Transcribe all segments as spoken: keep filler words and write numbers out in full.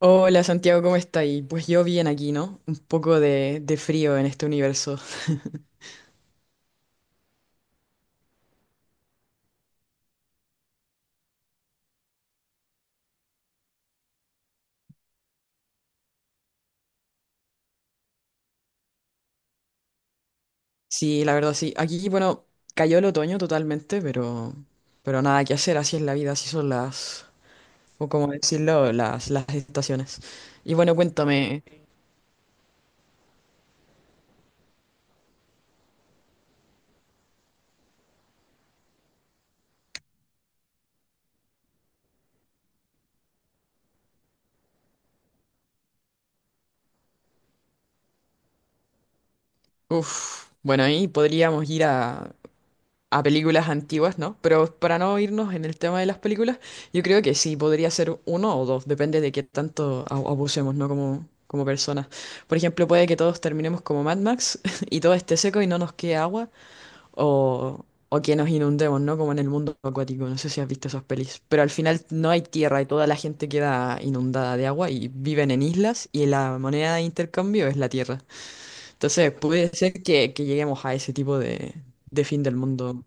Hola Santiago, ¿cómo estáis? Pues yo bien aquí, ¿no? Un poco de, de frío en este universo. Sí, la verdad sí. Aquí, bueno, cayó el otoño totalmente, pero, pero nada que hacer, así es la vida, así son las, o como decirlo, las, las estaciones. Y bueno, cuéntame. Uff, bueno, ahí podríamos ir a, a películas antiguas, ¿no? Pero para no irnos en el tema de las películas, yo creo que sí, podría ser uno o dos, depende de qué tanto a- abusemos, ¿no? Como, como personas. Por ejemplo, puede que todos terminemos como Mad Max y todo esté seco y no nos quede agua, o, o que nos inundemos, ¿no? Como en el mundo acuático, no sé si has visto esas pelis, pero al final no hay tierra y toda la gente queda inundada de agua y viven en islas y la moneda de intercambio es la tierra. Entonces, puede ser que, que lleguemos a ese tipo de, de fin del mundo.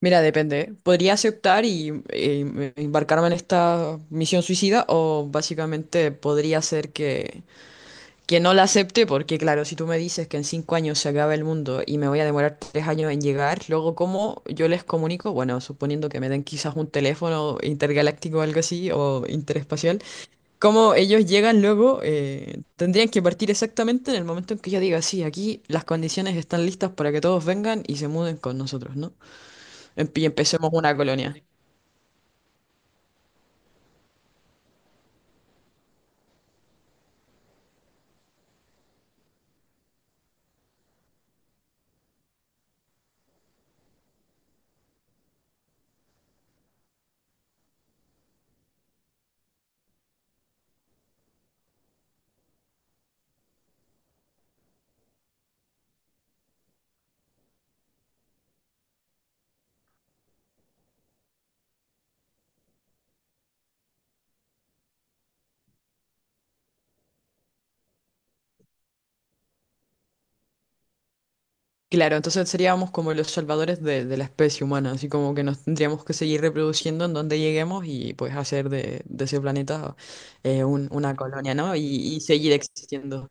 Mira, depende. ¿Eh? Podría aceptar y, eh, em- embarcarme en esta misión suicida o básicamente podría ser que, que no la acepte porque claro, si tú me dices que en cinco años se acaba el mundo y me voy a demorar tres años en llegar, luego ¿cómo yo les comunico? Bueno, suponiendo que me den quizás un teléfono intergaláctico o algo así o interespacial, ¿cómo ellos llegan luego? Eh, tendrían que partir exactamente en el momento en que yo diga, sí, aquí las condiciones están listas para que todos vengan y se muden con nosotros, ¿no? Em- y empecemos una colonia. Claro, entonces seríamos como los salvadores de, de la especie humana, así como que nos tendríamos que seguir reproduciendo en donde lleguemos y pues hacer de, de ese planeta eh, un- una colonia, ¿no? Y, y seguir existiendo.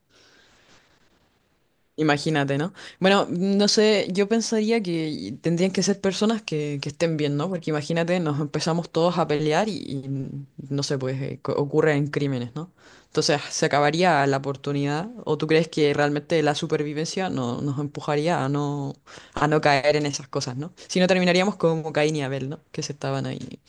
Imagínate, ¿no? Bueno, no sé, yo pensaría que tendrían que ser personas que, que estén bien, ¿no? Porque imagínate, nos empezamos todos a pelear y, y, mm, no sé, pues eh, co- ocurren crímenes, ¿no? Entonces se acabaría la oportunidad. ¿O tú crees que realmente la supervivencia no, nos empujaría a no, a no caer en esas cosas, ¿no? Si no terminaríamos como Caín y Abel, ¿no? Que se estaban ahí.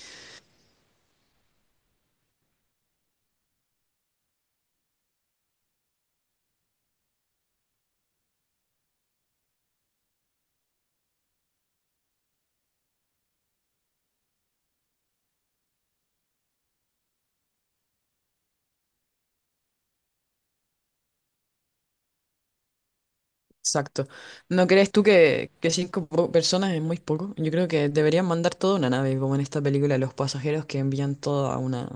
Exacto. ¿No crees tú que, que cinco po- personas es muy poco? Yo creo que deberían mandar toda una nave, como en esta película Los Pasajeros, que envían toda una,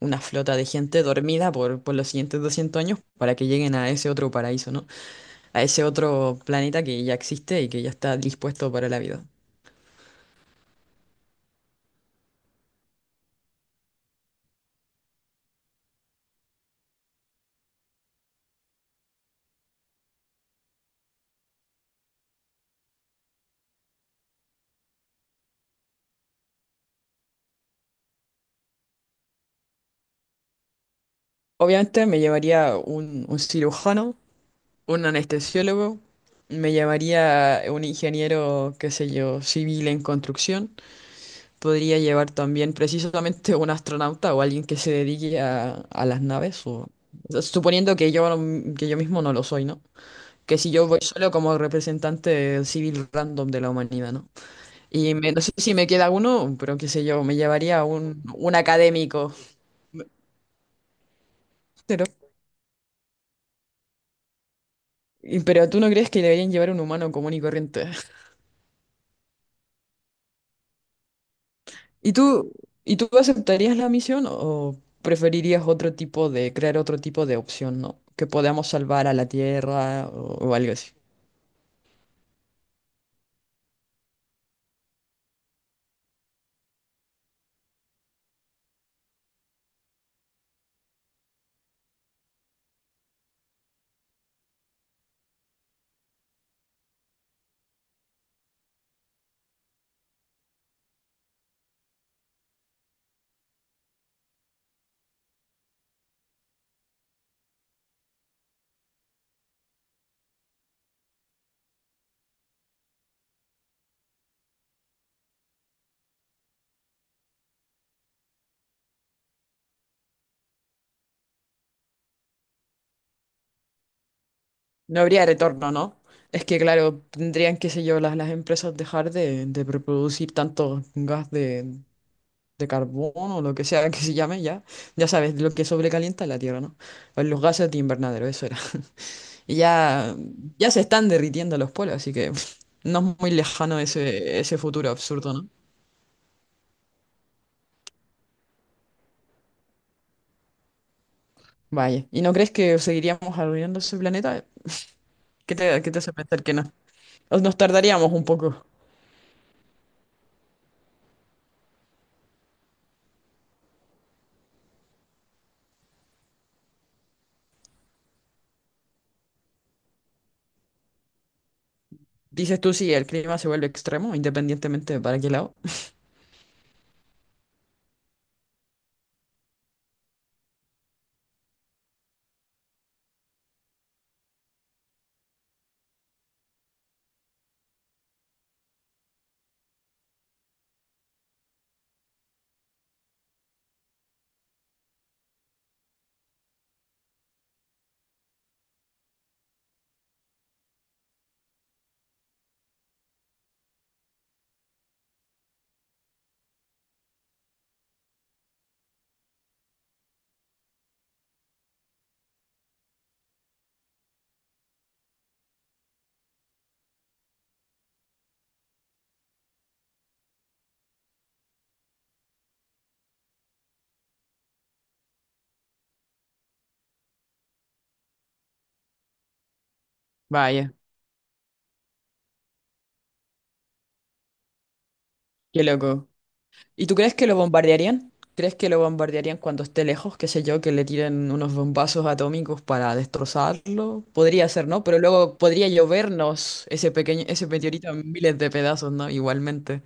una flota de gente dormida por, por los siguientes doscientos años para que lleguen a ese otro paraíso, ¿no? A ese otro planeta que ya existe y que ya está dispuesto para la vida. Obviamente me llevaría un, un cirujano, un anestesiólogo, me llevaría un ingeniero, qué sé yo, civil en construcción. Podría llevar también precisamente un astronauta o alguien que se dedique a, a las naves, o, o sea, suponiendo que yo, no- que yo mismo no lo soy, ¿no? Que si yo voy solo como representante civil random de la humanidad, ¿no? Y me- no sé si me queda uno, pero qué sé yo, me llevaría un, un académico. Pero, y- pero tú no crees que deberían llevar un humano común y corriente. ¿Y tú, ¿Y tú aceptarías la misión o preferirías otro tipo de, crear otro tipo de opción, ¿no? Que podamos salvar a la Tierra o o algo así. No habría retorno, ¿no? Es que, claro, tendrían, qué sé yo, las, las empresas dejar de, de reproducir tanto gas de, de carbón o lo que sea que se llame ya. Ya sabes, lo que sobrecalienta la Tierra, ¿no? Pues los gases de invernadero, eso era. Y ya, ya se están derritiendo los polos, así que no es muy lejano ese, ese futuro absurdo, ¿no? Vaya. ¿Y no crees que seguiríamos arruinando ese planeta? ¿Qué te, ¿qué te hace pensar que no? Nos tardaríamos un poco. Dices tú, sí, el clima se vuelve extremo, independientemente de para qué lado. Vaya, qué loco. ¿Y tú crees que lo bombardearían? ¿Crees que lo bombardearían cuando esté lejos? Qué sé yo, que le tiren unos bombazos atómicos para destrozarlo. Podría ser, ¿no? Pero luego podría llovernos ese pequeño, ese meteorito en miles de pedazos, ¿no? Igualmente.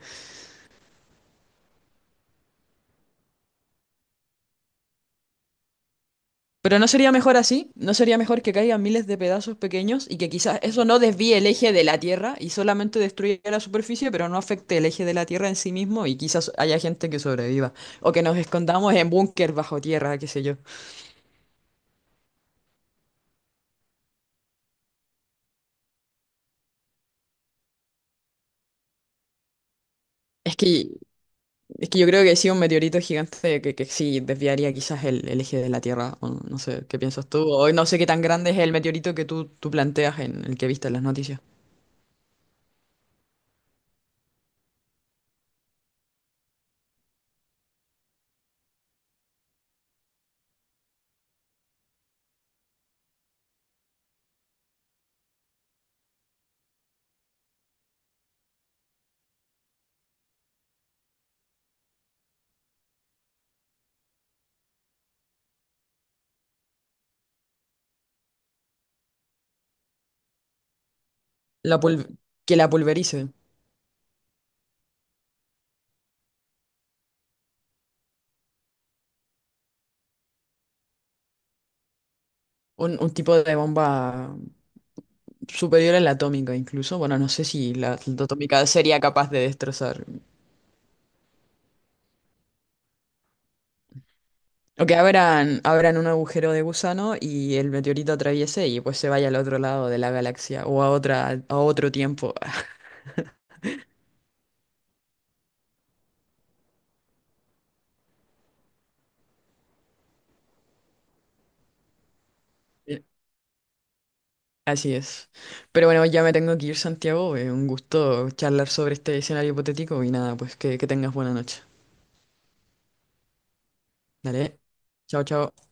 Pero ¿no sería mejor así? ¿No sería mejor que caigan miles de pedazos pequeños y que quizás eso no desvíe el eje de la Tierra y solamente destruya la superficie, pero no afecte el eje de la Tierra en sí mismo y quizás haya gente que sobreviva? O que nos escondamos en búnker bajo tierra, qué sé yo. Es que Es que yo creo que sí, un meteorito gigante que, que sí desviaría quizás el, el eje de la Tierra. O no no sé, ¿qué piensas tú? O no sé qué tan grande es el meteorito que tú, tú planteas en el que viste en las noticias. La pulv- que la pulverice. Un, un tipo de bomba superior a la atómica incluso. Bueno, no sé si la, la atómica sería capaz de destrozar. O que abran, abran un agujero de gusano y el meteorito atraviese y pues se vaya al otro lado de la galaxia o a otra, a otro tiempo. Así es. Pero bueno, ya me tengo que ir, Santiago. Eh, un gusto charlar sobre este escenario hipotético y nada, pues que, que tengas buena noche. Dale. Chao, chao.